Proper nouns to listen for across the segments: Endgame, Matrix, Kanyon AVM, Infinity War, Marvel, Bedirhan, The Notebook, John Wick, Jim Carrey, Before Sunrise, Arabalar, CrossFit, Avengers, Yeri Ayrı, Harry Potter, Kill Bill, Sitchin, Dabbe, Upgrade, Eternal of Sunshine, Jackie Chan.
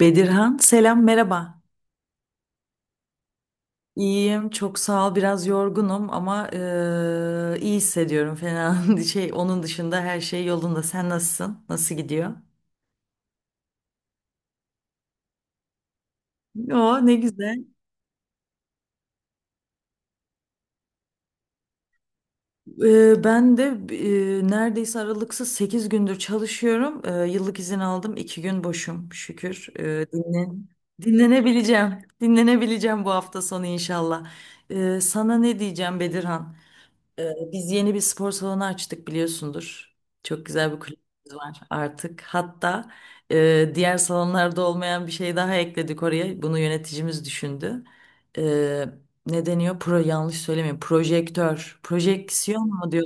Bedirhan, selam, merhaba. İyiyim, çok sağ ol. Biraz yorgunum ama iyi hissediyorum fena. Şey, onun dışında her şey yolunda. Sen nasılsın? Nasıl gidiyor? O ne güzel. Ben de neredeyse aralıksız 8 gündür çalışıyorum. Yıllık izin aldım. İki gün boşum şükür. Dinlenebileceğim. Dinlenebileceğim bu hafta sonu inşallah. Sana ne diyeceğim Bedirhan? Biz yeni bir spor salonu açtık biliyorsundur. Çok güzel bir kulübümüz var artık. Hatta diğer salonlarda olmayan bir şey daha ekledik oraya. Bunu yöneticimiz düşündü. Ee, ne deniyor? Yanlış söylemeyeyim. Projektör. Projeksiyon mu diyor?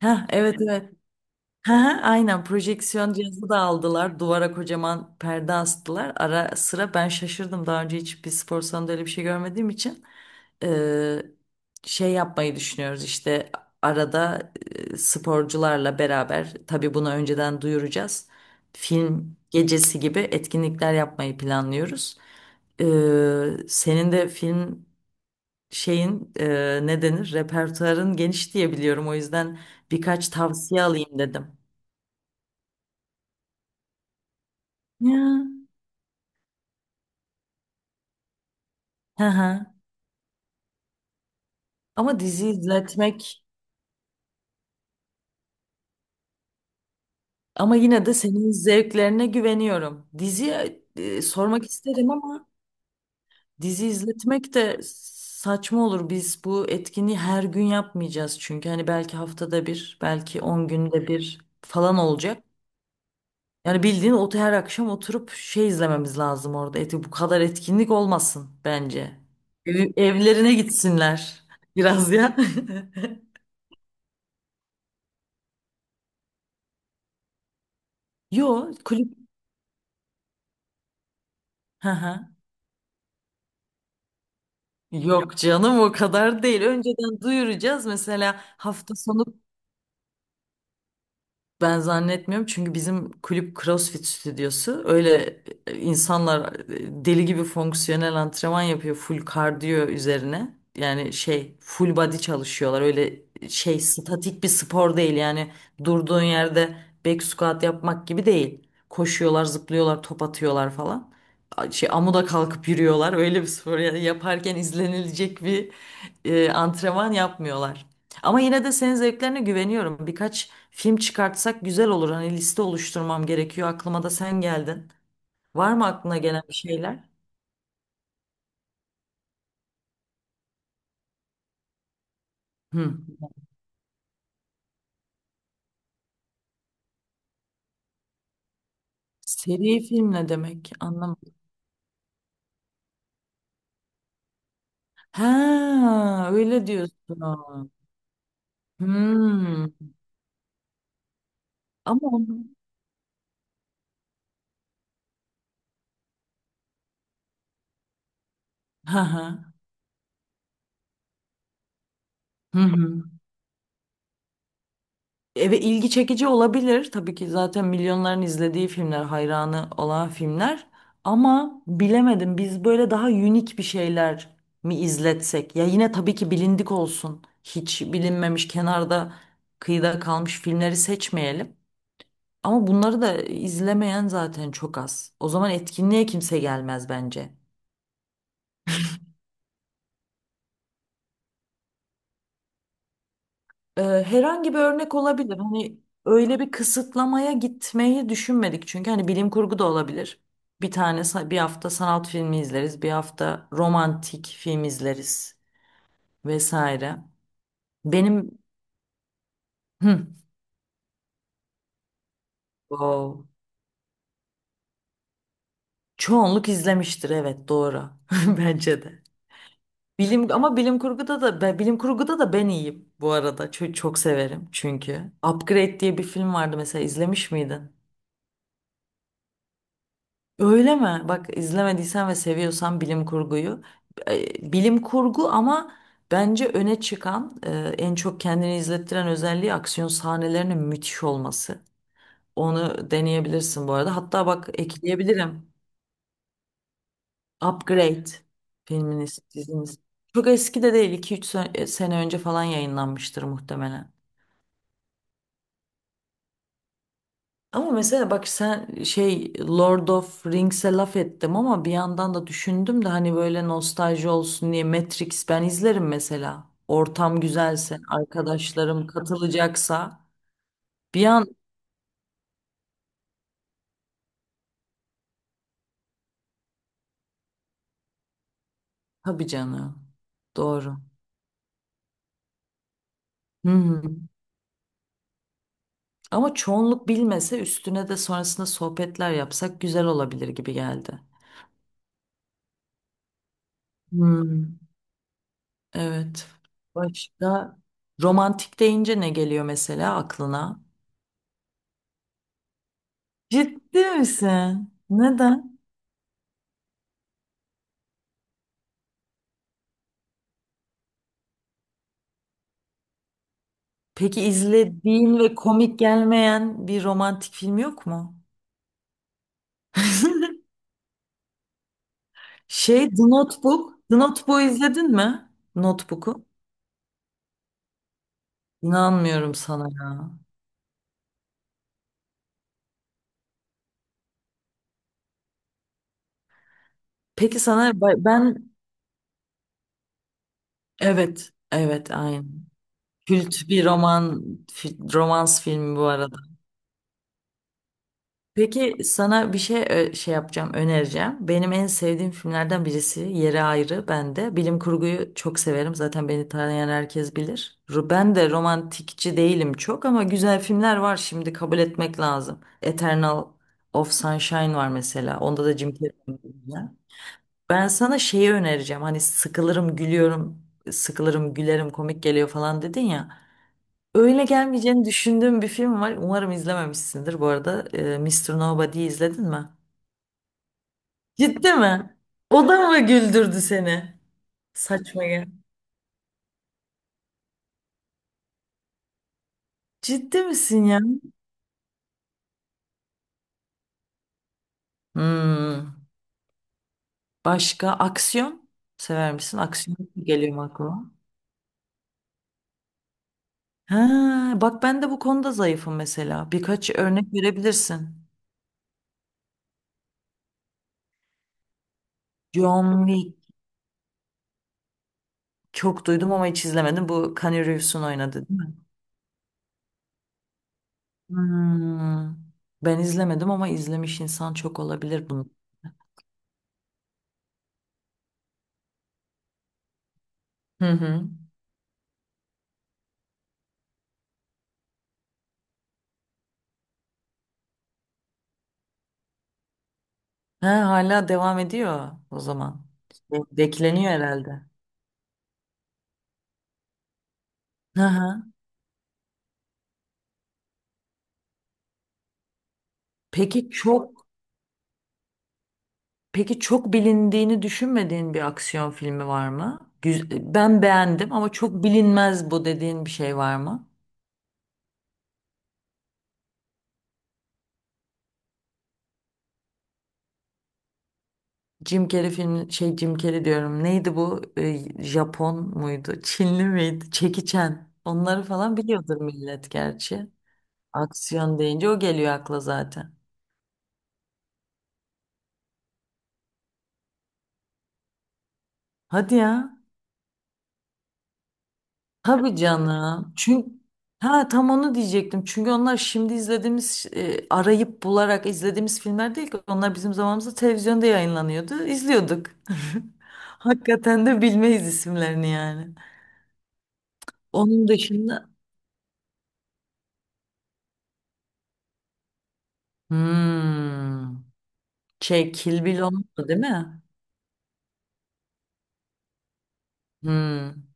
Heh, evet, evet. Hı hı, aynen projeksiyon cihazı da aldılar. Duvara kocaman perde astılar. Ara sıra ben şaşırdım. Daha önce hiç bir spor salonunda öyle bir şey görmediğim için eee, şey yapmayı düşünüyoruz işte arada sporcularla beraber tabii bunu önceden duyuracağız. Film gecesi gibi etkinlikler yapmayı planlıyoruz. Senin de film şeyin ne denir repertuarın geniş diye biliyorum. O yüzden birkaç tavsiye alayım dedim. Ya. Hı hı. Ama dizi izletmek, ama yine de senin zevklerine güveniyorum. Diziye sormak isterim ama dizi izletmek de saçma olur. Biz bu etkinliği her gün yapmayacağız çünkü hani belki haftada bir, belki 10 günde bir falan olacak. Yani bildiğin ot her akşam oturup şey izlememiz lazım orada. Eti bu kadar etkinlik olmasın bence. Evlerine gitsinler biraz ya. Yo, kulüp. Hı hı. Yok canım, o kadar değil. Önceden duyuracağız. Mesela hafta sonu ben zannetmiyorum çünkü bizim kulüp CrossFit stüdyosu. Öyle insanlar deli gibi fonksiyonel antrenman yapıyor full kardiyo üzerine. Yani şey full body çalışıyorlar. Öyle şey statik bir spor değil. Yani durduğun yerde back squat yapmak gibi değil. Koşuyorlar, zıplıyorlar, top atıyorlar falan. Şey amuda kalkıp yürüyorlar. Öyle bir spor yani yaparken izlenilecek bir antrenman yapmıyorlar. Ama yine de senin zevklerine güveniyorum. Birkaç film çıkartsak güzel olur. Hani liste oluşturmam gerekiyor. Aklıma da sen geldin. Var mı aklına gelen bir şeyler? Hı. Seri film ne demek? Anlamadım. Ha, öyle diyorsun. Hmm. Ama onu... Hı hı. Hı hı. Evet, ilgi çekici olabilir. Tabii ki zaten milyonların izlediği filmler, hayranı olan filmler. Ama bilemedim, biz böyle daha unik bir şeyler mi izletsek? Ya yine tabii ki bilindik olsun. Hiç bilinmemiş, kenarda, kıyıda kalmış filmleri seçmeyelim. Ama bunları da izlemeyen zaten çok az. O zaman etkinliğe kimse gelmez bence. Herhangi bir örnek olabilir. Hani öyle bir kısıtlamaya gitmeyi düşünmedik. Çünkü hani bilim kurgu da olabilir. Bir hafta sanat filmi izleriz, bir hafta romantik film izleriz vesaire. Benim hı, o, çoğunluk izlemiştir evet doğru. Bence de. Bilim kurguda da bilim kurguda da ben iyiyim bu arada. Çok, çok severim çünkü. Upgrade diye bir film vardı mesela, izlemiş miydin? Öyle mi? Bak izlemediysen ve seviyorsan bilim kurguyu. Bilim kurgu ama bence öne çıkan en çok kendini izlettiren özelliği aksiyon sahnelerinin müthiş olması. Onu deneyebilirsin bu arada. Hatta bak ekleyebilirim. Upgrade filminiz, diziniz. Çok eski de değil. İki üç sene önce falan yayınlanmıştır muhtemelen. Ama mesela bak sen şey Lord of Rings'e laf ettim ama bir yandan da düşündüm de hani böyle nostalji olsun diye Matrix ben izlerim mesela. Ortam güzelse, arkadaşlarım katılacaksa bir an tabii canım. Doğru. Hı hı. Ama çoğunluk bilmese üstüne de sonrasında sohbetler yapsak güzel olabilir gibi geldi. Hmm, evet. Başka romantik deyince ne geliyor mesela aklına? Ciddi misin? Neden? Peki izlediğin ve komik gelmeyen bir romantik film yok mu? Şey The Notebook. The Notebook'u izledin mi? Notebook'u. İnanmıyorum sana ya. Peki sana ben evet, evet aynı. Kült bir romans filmi bu arada. Peki sana bir şey şey yapacağım, önereceğim. Benim en sevdiğim filmlerden birisi Yeri Ayrı bende. Bilim kurguyu çok severim. Zaten beni tanıyan herkes bilir. Ben de romantikçi değilim çok ama güzel filmler var, şimdi kabul etmek lazım. Eternal of Sunshine var mesela. Onda da Jim Carrey oynuyor. Ben sana şeyi önereceğim. Hani sıkılırım, gülüyorum, sıkılırım, gülerim, komik geliyor falan dedin ya. Öyle gelmeyeceğini düşündüğüm bir film var. Umarım izlememişsindir bu arada. Mr. Nobody'yi izledin mi? Ciddi mi? O da mı güldürdü seni? Saçma ya. Ciddi misin ya? Hmm. Başka aksiyon sever misin? Aksiyon geliyor mu aklıma? Ha, bak ben de bu konuda zayıfım mesela. Birkaç örnek verebilirsin. John Wick. Çok duydum ama hiç izlemedim. Bu Keanu Reeves'un oynadı değil mi? Hmm. Ben izlemedim ama izlemiş insan çok olabilir. Hı hı. Ha, hala devam ediyor o zaman. Bekleniyor herhalde. Hı hı. Peki çok peki çok bilindiğini düşünmediğin bir aksiyon filmi var mı? Ben beğendim ama çok bilinmez bu dediğin bir şey var mı? Jim Carrey diyorum. Neydi bu? Japon muydu? Çinli miydi? Jackie Chan. Onları falan biliyordur millet gerçi. Aksiyon deyince o geliyor akla zaten. Hadi ya. Tabii canım. Çünkü ha tam onu diyecektim. Çünkü onlar şimdi izlediğimiz arayıp bularak izlediğimiz filmler değil ki. Onlar bizim zamanımızda televizyonda yayınlanıyordu. İzliyorduk. Hakikaten de bilmeyiz isimlerini yani. Onun dışında hmm, şey Kill Bill olmadı değil mi? Hmm.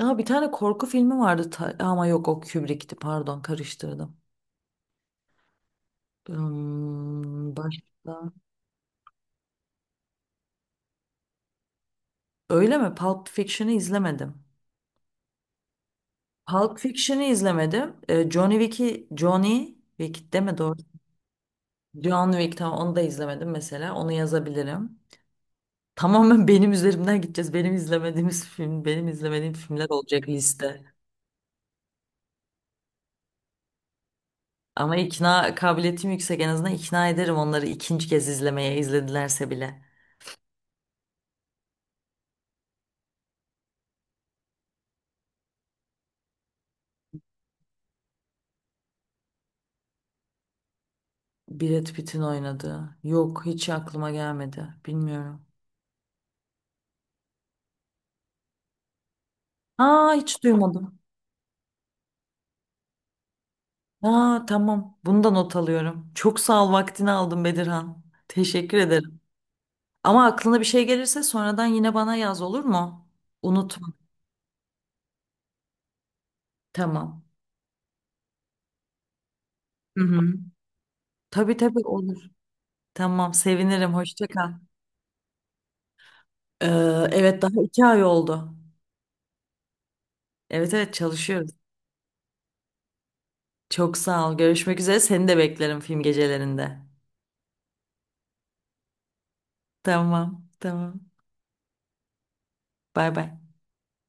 Aa, bir tane korku filmi vardı ama yok, o Kubrick'ti, pardon karıştırdım. Hmm, başka. Öyle mi? Pulp Fiction'ı izlemedim. Pulp Fiction'ı izlemedim. Johnny Wick deme doğru. John Wick tamam, onu da izlemedim mesela. Onu yazabilirim. Tamamen benim üzerimden gideceğiz. Benim izlemediğim filmler olacak liste. Ama ikna kabiliyetim yüksek. En azından ikna ederim onları ikinci kez izlemeye, izledilerse bile. Brad Pitt'in oynadığı. Yok, hiç aklıma gelmedi. Bilmiyorum. Aa, hiç duymadım. Aa, tamam. Bunu da not alıyorum. Çok sağ ol, vaktini aldım Bedirhan. Teşekkür ederim. Ama aklına bir şey gelirse sonradan yine bana yaz, olur mu? Unutma. Tamam. Hı hı. Tabii, tabii olur. Tamam, sevinirim. Hoşça kal. Ee, evet, daha iki ay oldu. Evet, evet çalışıyoruz. Çok sağ ol. Görüşmek üzere. Seni de beklerim film gecelerinde. Tamam, tamam. Bay bay.